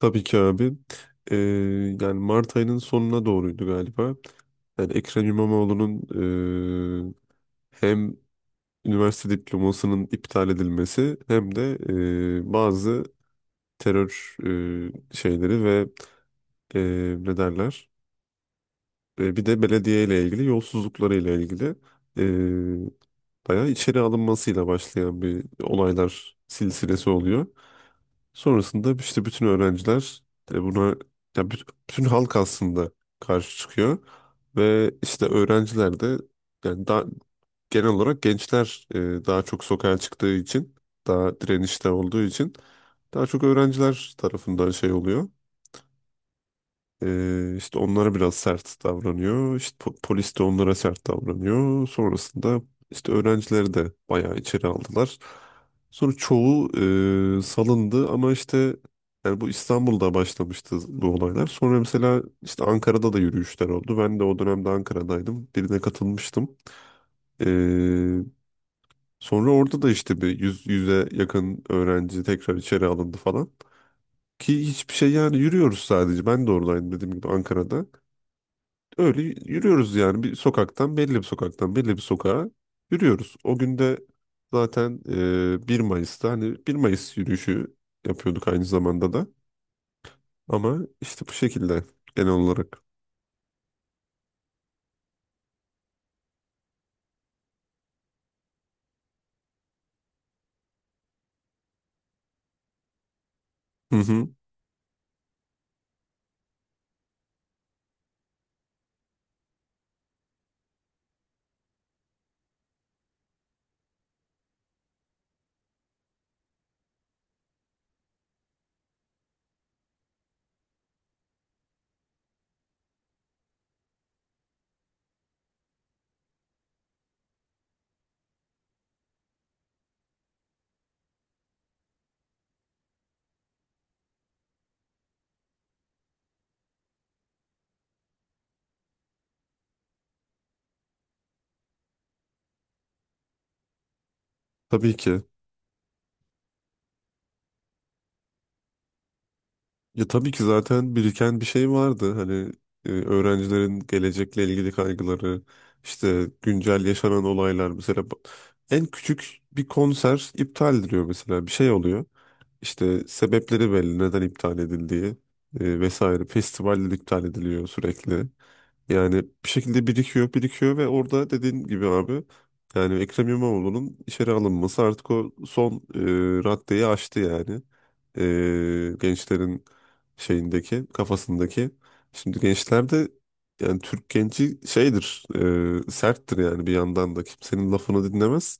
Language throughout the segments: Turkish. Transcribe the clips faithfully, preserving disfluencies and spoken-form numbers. Tabii ki abi. Ee, Yani Mart ayının sonuna doğruydu galiba. Yani Ekrem İmamoğlu'nun eee, hem üniversite diplomasının iptal edilmesi hem de eee, bazı terör eee, şeyleri ve eee ne derler. E, bir de belediye ile ilgili yolsuzlukları ile ilgili eee bayağı içeri alınmasıyla başlayan bir olaylar silsilesi oluyor. Sonrasında işte bütün öğrenciler de buna, ya büt- bütün halk aslında karşı çıkıyor ve işte öğrenciler de yani daha genel olarak gençler e, daha çok sokağa çıktığı için, daha direnişte olduğu için daha çok öğrenciler tarafından şey oluyor. Ee, işte onlara biraz sert davranıyor. İşte po- polis de onlara sert davranıyor. Sonrasında işte öğrencileri de bayağı içeri aldılar. Sonra çoğu e, salındı ama işte yani bu İstanbul'da başlamıştı bu olaylar. Sonra mesela işte Ankara'da da yürüyüşler oldu. Ben de o dönemde Ankara'daydım. Birine katılmıştım. Ee, Sonra orada da işte bir yüz, yüze yakın öğrenci tekrar içeri alındı falan. Ki hiçbir şey, yani yürüyoruz sadece. Ben de oradaydım dediğim gibi Ankara'da. Öyle yürüyoruz yani bir sokaktan, belli bir sokaktan belli bir sokağa yürüyoruz. O gün de zaten e, bir Mayıs'ta hani bir Mayıs yürüyüşü yapıyorduk aynı zamanda da. Ama işte bu şekilde genel olarak. Hı hı, tabii ki. Ya tabii ki zaten biriken bir şey vardı. Hani e, öğrencilerin gelecekle ilgili kaygıları, işte güncel yaşanan olaylar mesela bu- en küçük bir konser iptal ediliyor, mesela bir şey oluyor. İşte sebepleri belli, neden iptal edildiği e, vesaire. Festivaller iptal ediliyor sürekli. Yani bir şekilde birikiyor, birikiyor ve orada dediğin gibi abi, yani Ekrem İmamoğlu'nun içeri alınması artık o son e, raddeyi aştı yani. E, gençlerin şeyindeki, kafasındaki. Şimdi gençler de yani Türk genci şeydir, e, serttir yani, bir yandan da kimsenin lafını dinlemez.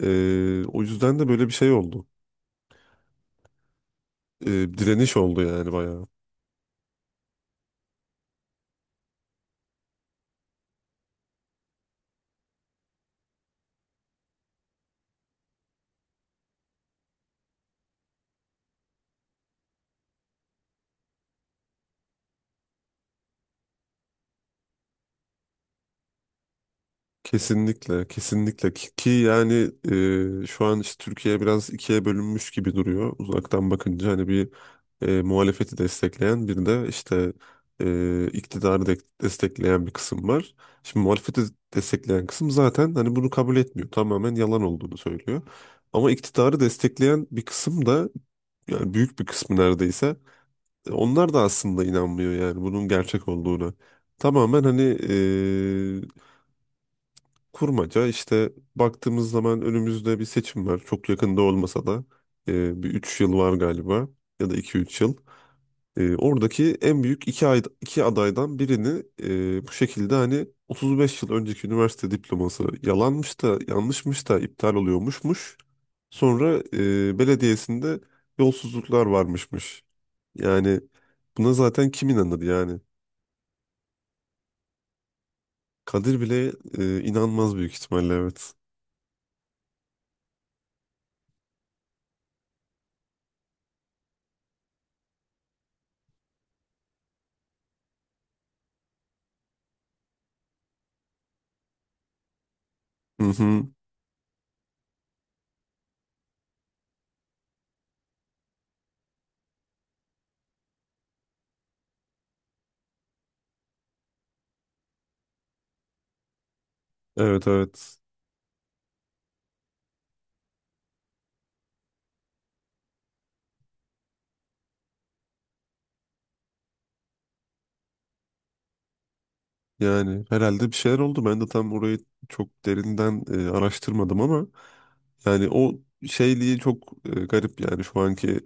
E, O yüzden de böyle bir şey oldu, e, direniş oldu yani bayağı. Kesinlikle, kesinlikle ki, ki yani e, şu an işte Türkiye biraz ikiye bölünmüş gibi duruyor uzaktan bakınca, hani bir e, muhalefeti destekleyen, bir de işte e, iktidarı de- destekleyen bir kısım var. Şimdi muhalefeti destekleyen kısım zaten hani bunu kabul etmiyor, tamamen yalan olduğunu söylüyor. Ama iktidarı destekleyen bir kısım da, yani büyük bir kısmı neredeyse, e, onlar da aslında inanmıyor yani bunun gerçek olduğuna. Tamamen hani e, kurmaca. İşte baktığımız zaman önümüzde bir seçim var. Çok yakında olmasa da e, bir üç yıl var galiba, ya da iki üç yıl. E, oradaki en büyük iki, ay, iki adaydan birini e, bu şekilde hani otuz beş yıl önceki üniversite diploması yalanmış da yanlışmış da iptal oluyormuşmuş. Sonra e, belediyesinde yolsuzluklar varmışmış. Yani buna zaten kim inanır yani? Kadir bile e, inanmaz büyük ihtimalle, evet. Hı hı. Evet, evet. Yani herhalde bir şeyler oldu. Ben de tam orayı çok derinden e, araştırmadım ama yani o şeyliği çok e, garip yani şu anki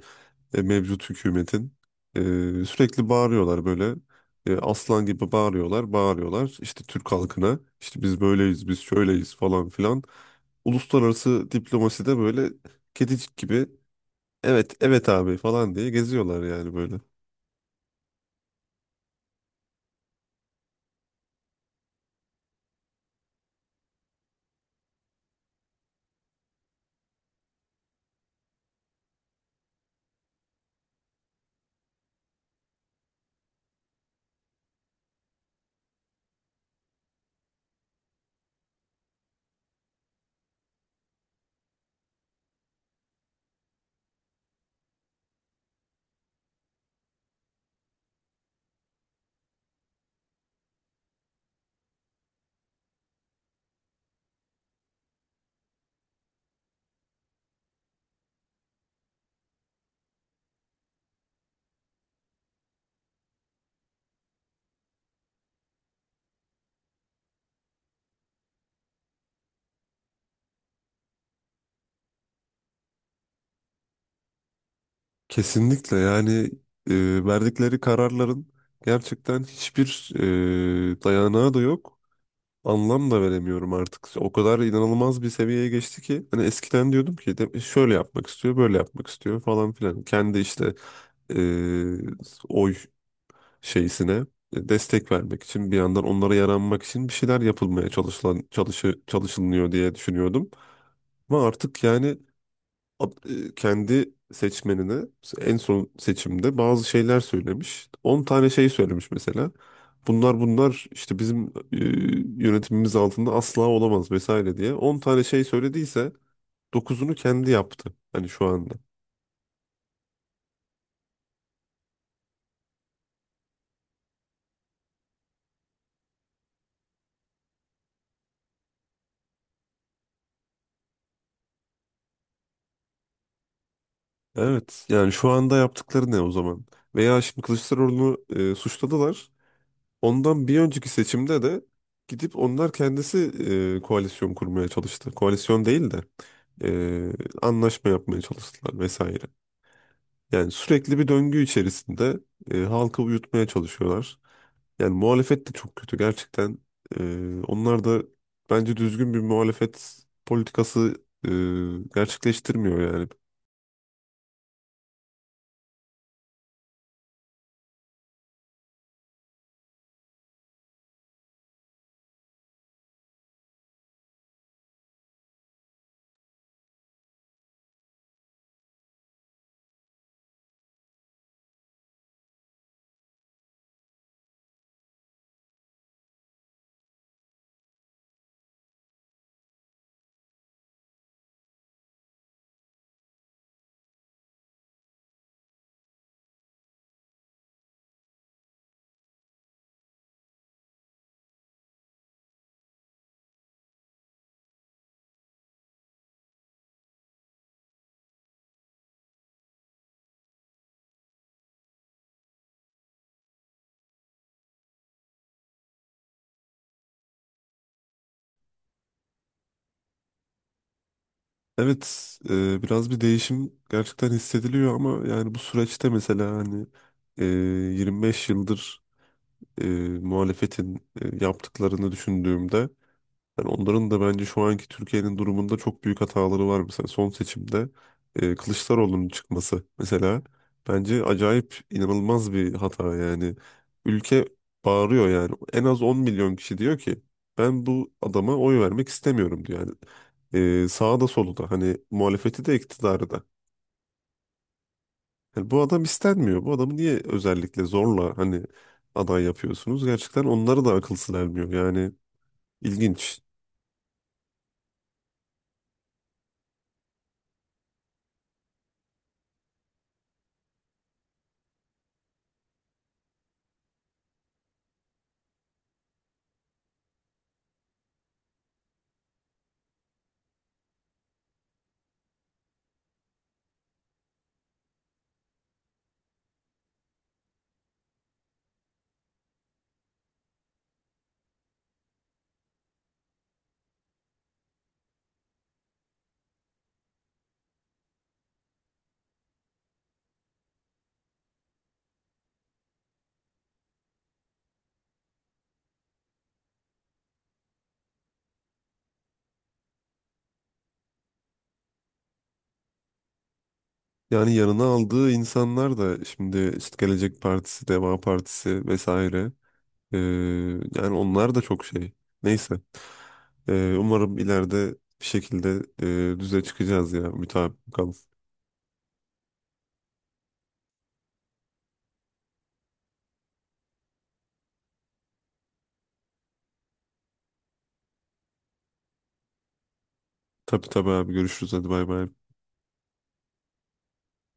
e, mevcut hükümetin. E, Sürekli bağırıyorlar böyle. E, aslan gibi bağırıyorlar, bağırıyorlar. İşte Türk halkına işte biz böyleyiz, biz şöyleyiz falan filan. Uluslararası diplomaside böyle kedicik gibi evet, evet abi falan diye geziyorlar yani böyle. Kesinlikle, yani e, verdikleri kararların gerçekten hiçbir e, dayanağı da yok. Anlam da veremiyorum artık. O kadar inanılmaz bir seviyeye geçti ki, hani eskiden diyordum ki de, şöyle yapmak istiyor, böyle yapmak istiyor falan filan. Kendi işte e, oy şeysine e, destek vermek için, bir yandan onlara yaranmak için bir şeyler yapılmaya çalışılan çalışı, çalışılıyor diye düşünüyordum. Ama artık yani ab- e, kendi seçmenine en son seçimde bazı şeyler söylemiş. On tane şey söylemiş mesela. Bunlar bunlar işte bizim e, yönetimimiz altında asla olamaz vesaire diye. On tane şey söylediyse dokuzunu kendi yaptı. Hani şu anda. Evet, yani şu anda yaptıkları ne o zaman? Veya şimdi Kılıçdaroğlu'nu e, suçladılar. Ondan bir önceki seçimde de gidip onlar kendisi e, koalisyon kurmaya çalıştı. Koalisyon değil de e, anlaşma yapmaya çalıştılar vesaire. Yani sürekli bir döngü içerisinde e, halkı uyutmaya çalışıyorlar. Yani muhalefet de çok kötü gerçekten. E, onlar da bence düzgün bir muhalefet politikası e, gerçekleştirmiyor yani. Evet, e, biraz bir değişim gerçekten hissediliyor ama yani bu süreçte mesela hani e, yirmi beş yıldır e, muhalefetin e, yaptıklarını düşündüğümde, yani onların da bence şu anki Türkiye'nin durumunda çok büyük hataları var. Mesela son seçimde e, Kılıçdaroğlu'nun çıkması mesela bence acayip inanılmaz bir hata yani. Ülke bağırıyor yani. En az on milyon kişi diyor ki ben bu adama oy vermek istemiyorum diyor. Yani e, sağda soluda hani muhalefeti de iktidarı da. Yani bu adam istenmiyor. Bu adamı niye özellikle zorla hani aday yapıyorsunuz? Gerçekten onlara da akıl sır ermiyor. Yani ilginç. Yani yanına aldığı insanlar da şimdi işte Gelecek Partisi, Deva Partisi vesaire. Ee, yani onlar da çok şey. Neyse. Ee, umarım ileride bir şekilde e, düze çıkacağız ya. Mütabık kalın. Tabii tabii abi, görüşürüz. Hadi bay bay.